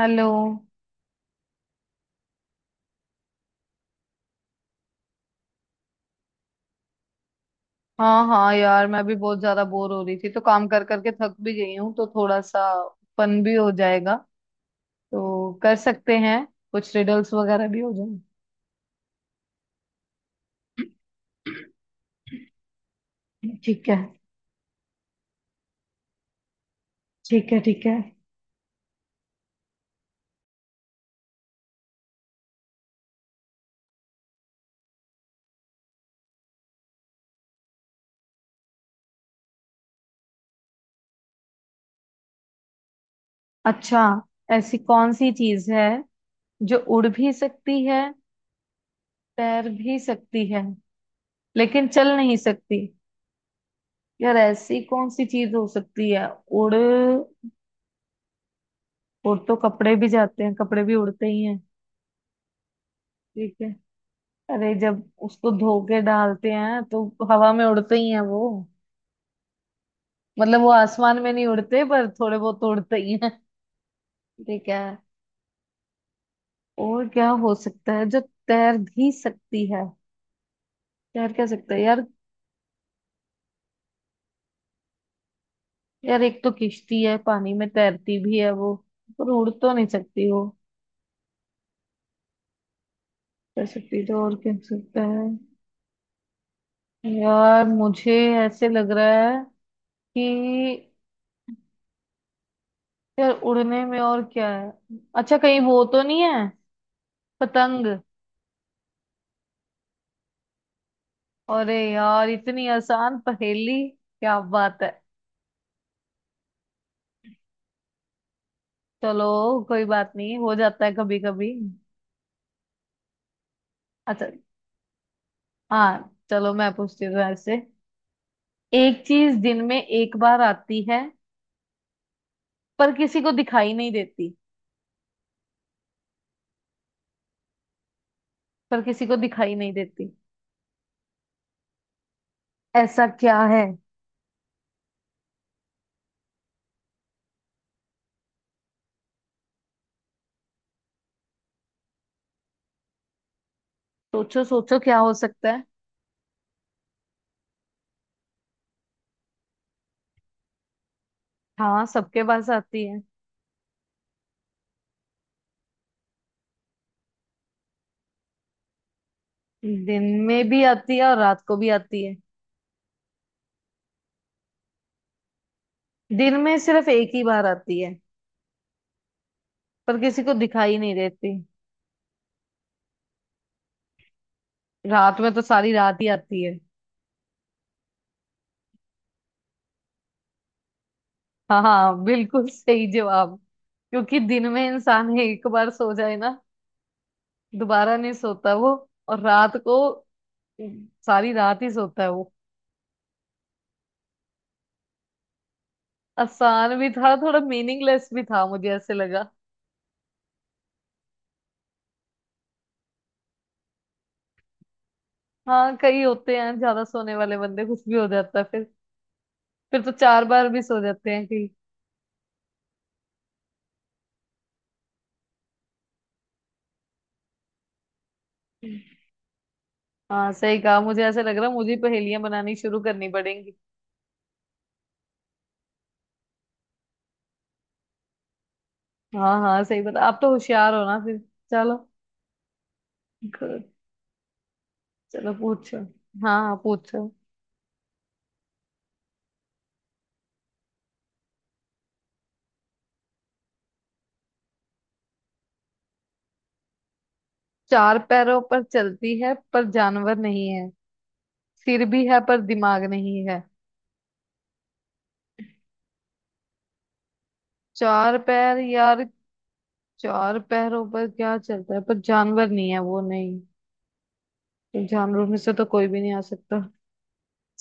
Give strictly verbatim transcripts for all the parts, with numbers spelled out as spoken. Hello. हाँ हाँ यार, मैं भी बहुत ज्यादा बोर हो रही थी। तो काम कर करके थक भी गई हूँ, तो थोड़ा सा फन भी हो जाएगा। तो कर सकते हैं। कुछ रिडल्स वगैरह भी हो जाए। ठीक है ठीक है ठीक है। अच्छा, ऐसी कौन सी चीज है जो उड़ भी सकती है, तैर भी सकती है, लेकिन चल नहीं सकती। यार, ऐसी कौन सी चीज हो सकती है। उड़, उड़ तो कपड़े भी जाते हैं, कपड़े भी उड़ते ही हैं। ठीक है। अरे, जब उसको धो के डालते हैं तो हवा में उड़ते ही हैं वो। मतलब वो आसमान में नहीं उड़ते, पर थोड़े बहुत तो उड़ते ही हैं। ठीक है। और क्या हो सकता है जो तैर भी सकती है। तैर क्या सकता है यार। यार, एक तो किश्ती है, पानी में तैरती भी है वो, पर उड़ तो नहीं सकती वो। तैर सकती तो और क्या हो सकता है। यार मुझे ऐसे लग रहा है कि यार उड़ने में और क्या है। अच्छा, कहीं वो तो नहीं है, पतंग। अरे यार, इतनी आसान पहेली, क्या बात है। चलो, कोई बात नहीं, हो जाता है कभी कभी। अच्छा, हाँ चलो मैं पूछती हूँ ऐसे। एक चीज दिन में एक बार आती है, पर किसी को दिखाई नहीं देती। पर किसी को दिखाई नहीं देती। ऐसा क्या है। सोचो सोचो क्या हो सकता है। हाँ, सबके पास आती है। दिन में भी आती है और रात को भी आती है। दिन में सिर्फ एक ही बार आती है, पर किसी को दिखाई नहीं देती। रात में तो सारी रात ही आती है। हाँ हाँ, बिल्कुल सही जवाब। क्योंकि दिन में इंसान एक बार सो जाए ना, दोबारा नहीं सोता वो। और रात को सारी रात ही सोता है वो। आसान भी था, थोड़ा मीनिंगलेस भी था मुझे ऐसे लगा। हाँ, कई होते हैं ज्यादा सोने वाले बंदे, कुछ भी हो जाता है फिर। फिर तो चार बार भी सो जाते हैं कई। हाँ सही कहा, मुझे ऐसे लग रहा है मुझे पहेलियां बनानी शुरू करनी पड़ेंगी। हाँ हाँ, सही बता, आप तो होशियार हो ना फिर। चलो। क- चलो पूछो। हाँ हाँ पूछो। चार पैरों पर चलती है पर जानवर नहीं है। सिर भी है पर दिमाग नहीं है। चार पैर यार। चार पैरों पर क्या चलता है पर जानवर नहीं है वो, नहीं। तो जानवरों में से तो कोई भी नहीं आ सकता।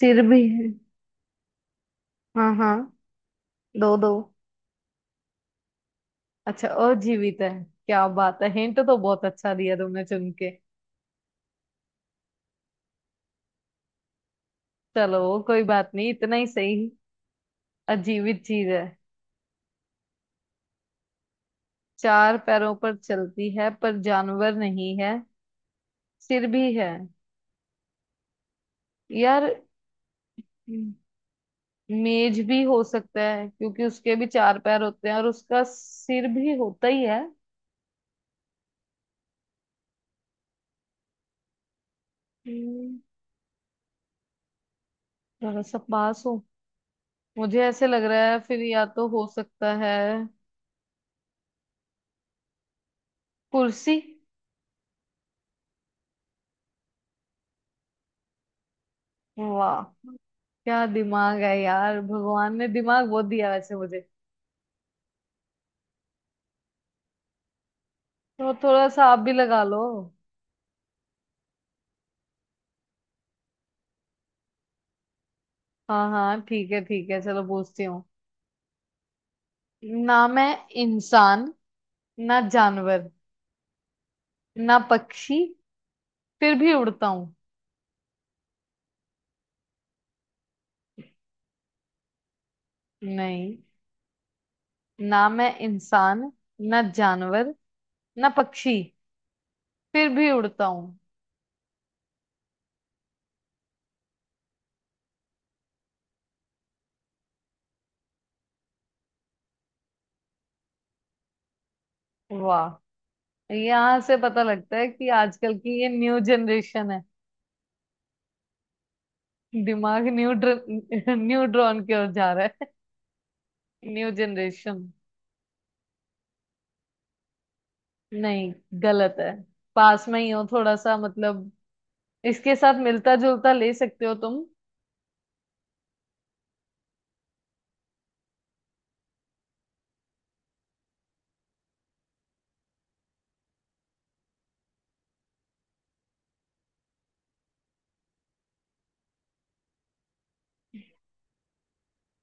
सिर भी है। हाँ हाँ। दो दो। अच्छा, और जीवित है। क्या बात है, हिंट तो बहुत अच्छा दिया तुमने चुन के। चलो, कोई बात नहीं, इतना ही सही। अजीवित चीज है। चार पैरों पर चलती है पर जानवर नहीं है। सिर भी है। यार, मेज भी हो सकता है क्योंकि उसके भी चार पैर होते हैं और उसका सिर भी होता ही है। हम्म, थोड़ा सा पास हो। मुझे ऐसे लग रहा है, फिर या तो हो सकता है, कुर्सी। वाह, क्या दिमाग है यार, भगवान ने दिमाग बहुत दिया वैसे मुझे। तो थोड़ा सा आप भी लगा लो। हाँ हाँ ठीक है ठीक है, चलो पूछती हूँ। ना मैं इंसान, ना जानवर, ना पक्षी, फिर भी उड़ता हूँ। नहीं। ना मैं इंसान, ना जानवर, ना पक्षी, फिर भी उड़ता हूँ। वाह, यहाँ से पता लगता है कि आजकल की ये न्यू जनरेशन है। दिमाग न्यू ड्र, न्यू ड्रॉन की ओर जा रहा है। New generation. नहीं, गलत है। पास में ही हो थोड़ा सा, मतलब इसके साथ मिलता जुलता ले सकते हो तुम।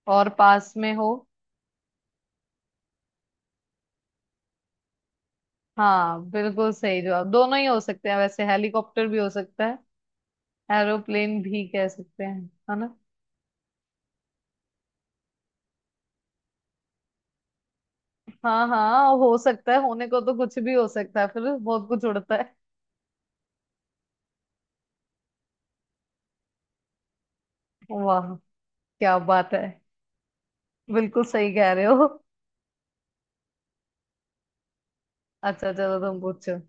और पास में हो। हाँ, बिल्कुल सही जवाब, दोनों ही हो सकते हैं वैसे, हेलीकॉप्टर भी हो सकता है, एरोप्लेन भी कह सकते हैं। है ना। हाँ हाँ, हो सकता है, होने को तो कुछ भी हो सकता है, फिर बहुत कुछ उड़ता है। वाह, क्या बात है, बिल्कुल सही कह रहे हो। अच्छा चलो, तुम पूछो।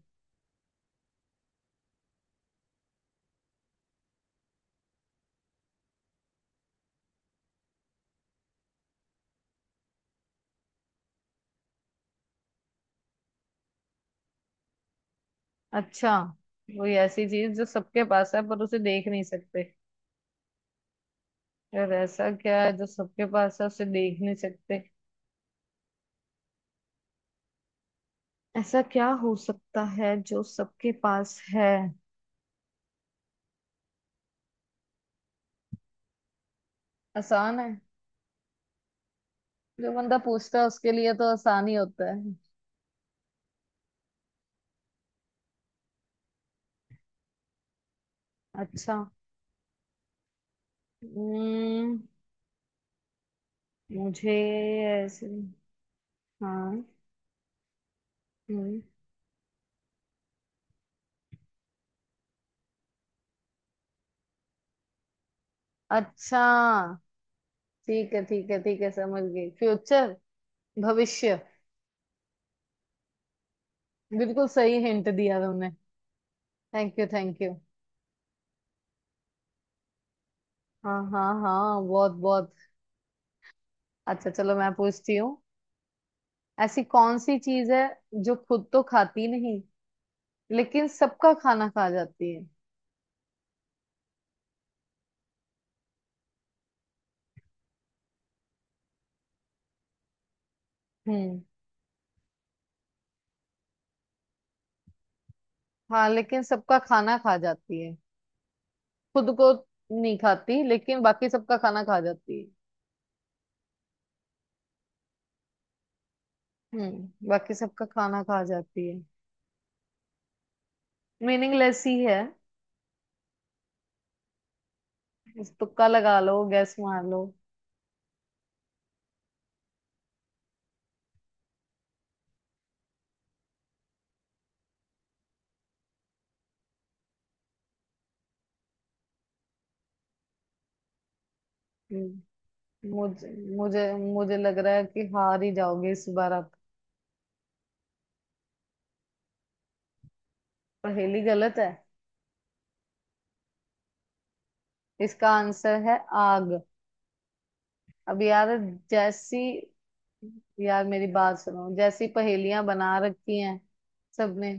अच्छा, कोई ऐसी चीज जो सबके पास है पर उसे देख नहीं सकते। यार, ऐसा क्या है जो सबके पास है उसे देख नहीं सकते। ऐसा क्या हो सकता है जो सबके पास है। आसान है। जो बंदा पूछता है उसके लिए तो आसान ही होता है। अच्छा। हम्म। मुझे ऐसे। हाँ। हम्म। अच्छा, ठीक है ठीक है ठीक है, समझ गई, फ्यूचर, भविष्य। बिल्कुल सही हिंट दिया तुमने। Thank you thank you. हाँ हाँ हाँ, बहुत बहुत। अच्छा चलो, मैं पूछती हूँ। ऐसी कौन सी चीज है जो खुद तो खाती नहीं लेकिन सबका खाना खा जाती है। हम्म। हाँ, लेकिन सबका खाना खा जाती है। खुद को नहीं खाती लेकिन बाकी सबका खाना खा जाती है। हम्म, बाकी सबका खाना खा जाती है। मीनिंगलेस ही है। इस, तुक्का लगा लो, गैस मार लो। हम्म, मुझे मुझे मुझे लग रहा है कि हार ही जाओगे इस बार आप। पहेली गलत है। इसका आंसर है आग। अब यार, जैसी, यार मेरी बात सुनो, जैसी पहेलियां बना रखी हैं सबने,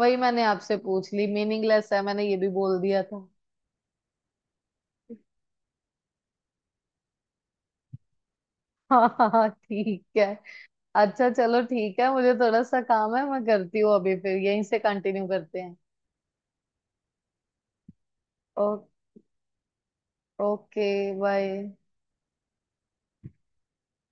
वही मैंने आपसे पूछ ली, मीनिंगलेस है, मैंने ये भी बोल दिया था। हाँ हाँ हाँ, ठीक है। अच्छा चलो ठीक है, मुझे थोड़ा सा काम है, मैं करती हूँ अभी, फिर यहीं से कंटिन्यू करते हैं। ओ, ओके, बाय।